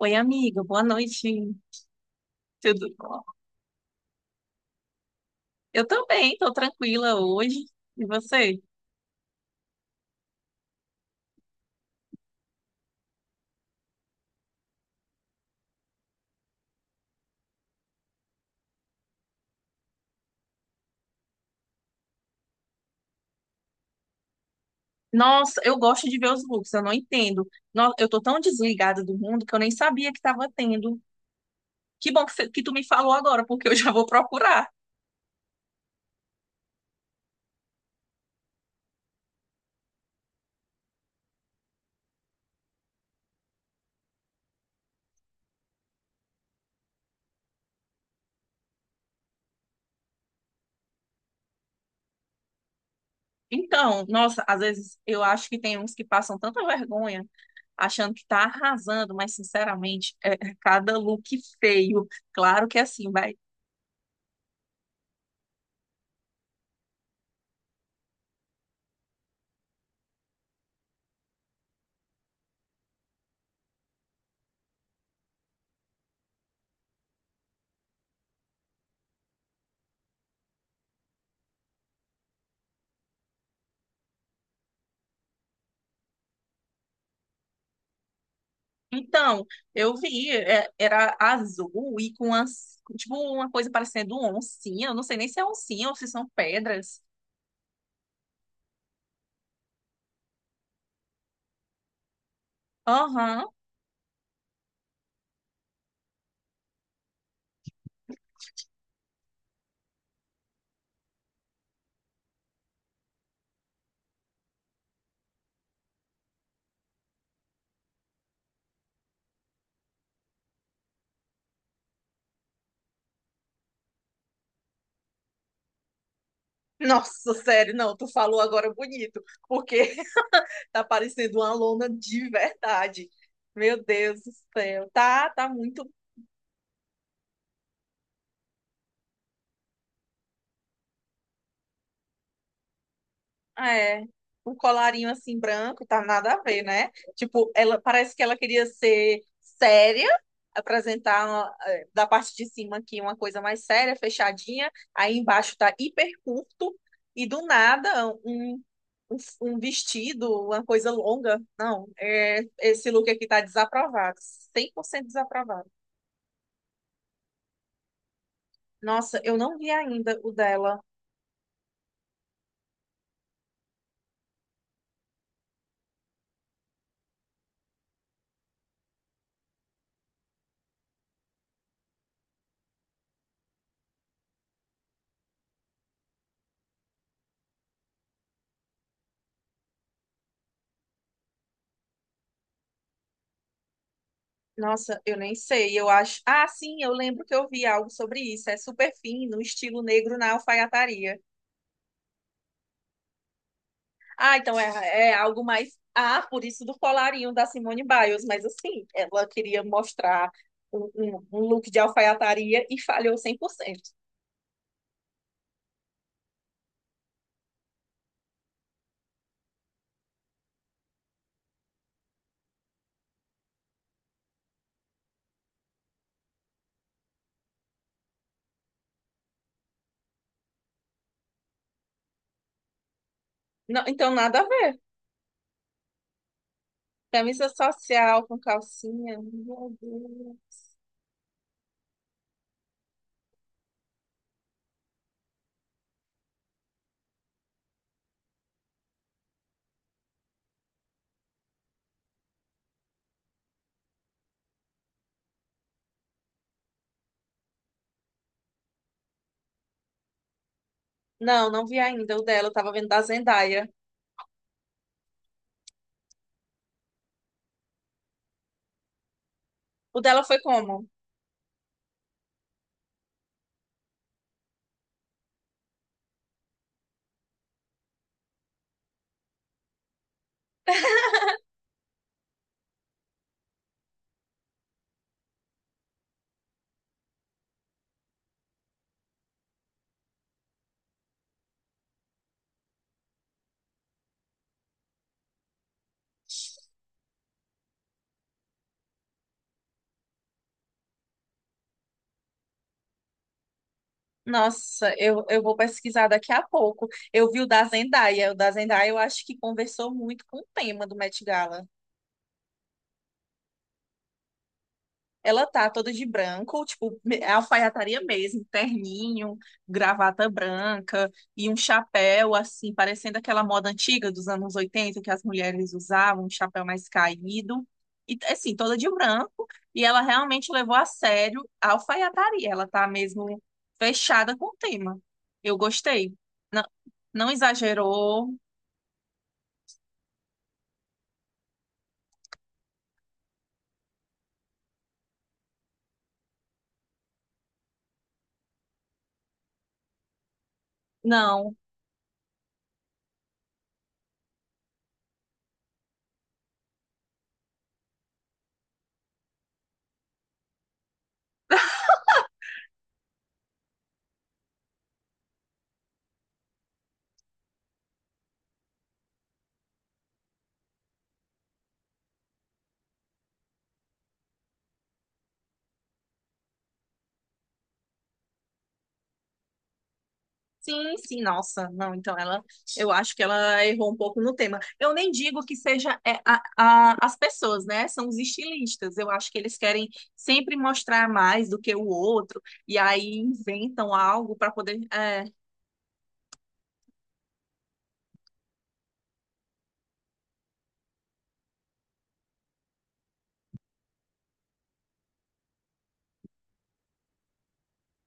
Oi, amiga, boa noite. Tudo bom? Eu também, tô tranquila hoje. E você? Nossa, eu gosto de ver os looks, eu não entendo. Eu tô tão desligada do mundo que eu nem sabia que tava tendo. Que bom que, que tu me falou agora, porque eu já vou procurar. Então, nossa, às vezes eu acho que tem uns que passam tanta vergonha achando que tá arrasando, mas sinceramente, é cada look feio. Claro que é assim, vai. Então, eu vi, é, era azul e com tipo uma coisa parecendo oncinha. Eu não sei nem se é oncinha ou se são pedras. Aham. Nossa, sério, não, tu falou agora bonito, porque tá parecendo uma lona de verdade. Meu Deus do céu. Tá muito. É, um colarinho assim branco, tá nada a ver, né? Tipo, ela parece que ela queria ser séria, apresentar uma, eh, da parte de cima aqui uma coisa mais séria, fechadinha, aí embaixo tá hiper curto, e do nada um, um, um vestido, uma coisa longa. Não, é, esse look aqui tá desaprovado, 100% desaprovado. Nossa, eu não vi ainda o dela. Nossa, eu nem sei. Eu acho. Ah, sim, eu lembro que eu vi algo sobre isso. É super fino, estilo negro na alfaiataria. Ah, então é, é algo mais. Ah, por isso do colarinho da Simone Biles. Mas assim, ela queria mostrar um look de alfaiataria e falhou 100%. Não, então nada a ver. Camisa social com calcinha. Meu Deus. Não, não vi ainda o dela. Eu tava vendo da Zendaya. O dela foi como? Nossa, eu vou pesquisar daqui a pouco. Eu vi o da Zendaya. O da Zendaya eu acho que conversou muito com o tema do Met Gala. Ela tá toda de branco, tipo, é alfaiataria mesmo, terninho, gravata branca e um chapéu, assim, parecendo aquela moda antiga dos anos 80 que as mulheres usavam, um chapéu mais caído. E, assim, toda de branco. E ela realmente levou a sério a alfaiataria. Ela tá mesmo fechada com o tema. Eu gostei. Não, não exagerou, não. Sim, sim, nossa, não, então ela, eu acho que ela errou um pouco no tema. Eu nem digo que seja é, as pessoas, né? São os estilistas. Eu acho que eles querem sempre mostrar mais do que o outro, e aí inventam algo para poder. É,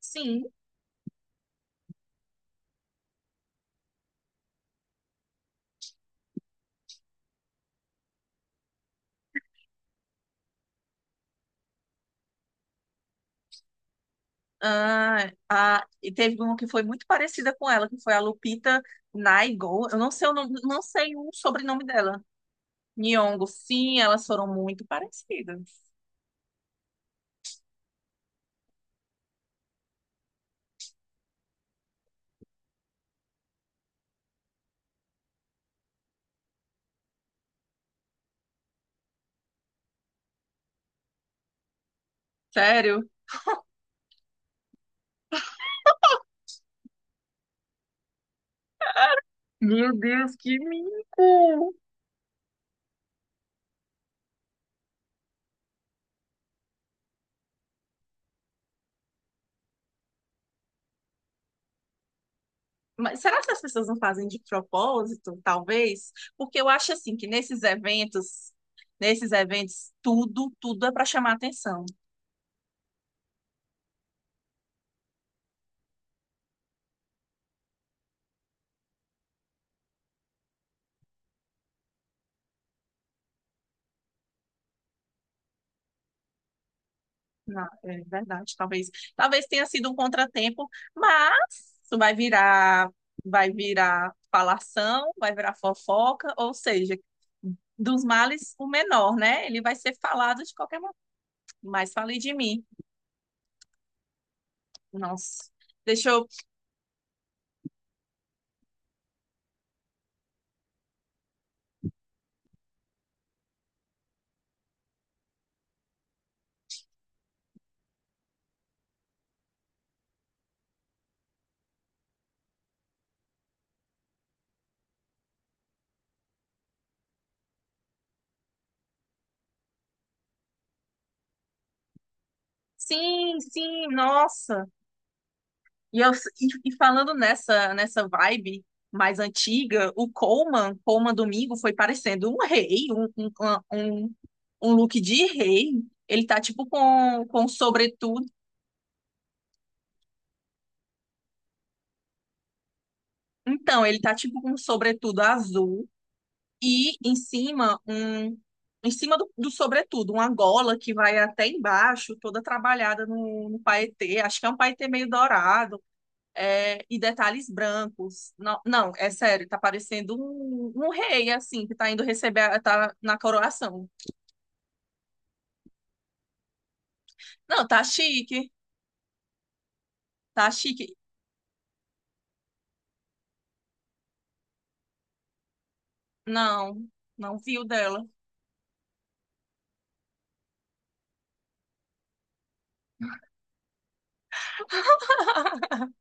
sim, ah, e teve uma que foi muito parecida com ela, que foi a Lupita Nyong'o. Eu não sei o nome, não sei o sobrenome dela. Nyong'o, sim, elas foram muito parecidas. Sério? Meu Deus, que mico! Mas será que as pessoas não fazem de propósito, talvez? Porque eu acho assim que nesses eventos, tudo é para chamar atenção. É verdade, talvez, talvez tenha sido um contratempo, mas isso vai virar falação, vai virar fofoca, ou seja, dos males o menor, né? Ele vai ser falado de qualquer maneira. Mas falei de mim. Nossa, deixou. Sim, sim, nossa. E falando nessa vibe mais antiga, o Coleman Domingo, foi parecendo um rei, um, um look de rei. Ele tá tipo com sobretudo. Então, ele tá tipo com um sobretudo azul e em cima um. Em cima do, do sobretudo, uma gola que vai até embaixo, toda trabalhada no, no paetê. Acho que é um paetê meio dourado, é, e detalhes brancos. Não, não, é sério, tá parecendo um, um rei, assim, que tá indo receber, tá na coroação. Não, tá chique, tá chique. Não, não viu dela.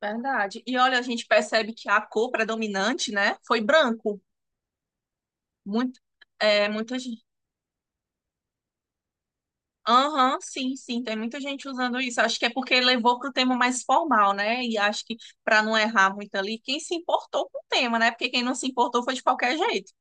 Verdade. E olha, a gente percebe que a cor predominante, né, foi branco. Muito, é, muita gente. Aham, sim, sim, tem muita gente usando isso. Acho que é porque levou para o tema mais formal, né? E acho que para não errar muito ali, quem se importou com o tema, né? Porque quem não se importou foi de qualquer jeito.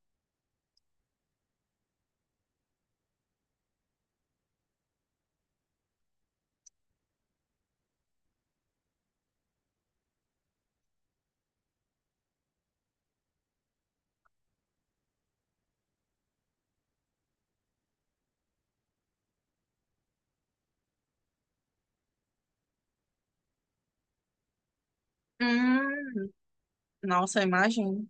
Hum, nossa, imagino.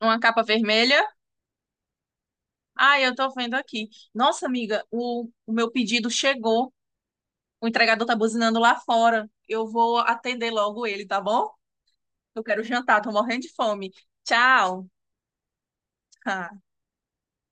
Uma capa vermelha. Ah, eu tô vendo aqui. Nossa, amiga, o meu pedido chegou. O entregador tá buzinando lá fora. Eu vou atender logo ele, tá bom? Eu quero jantar, tô morrendo de fome. Tchau. Ah.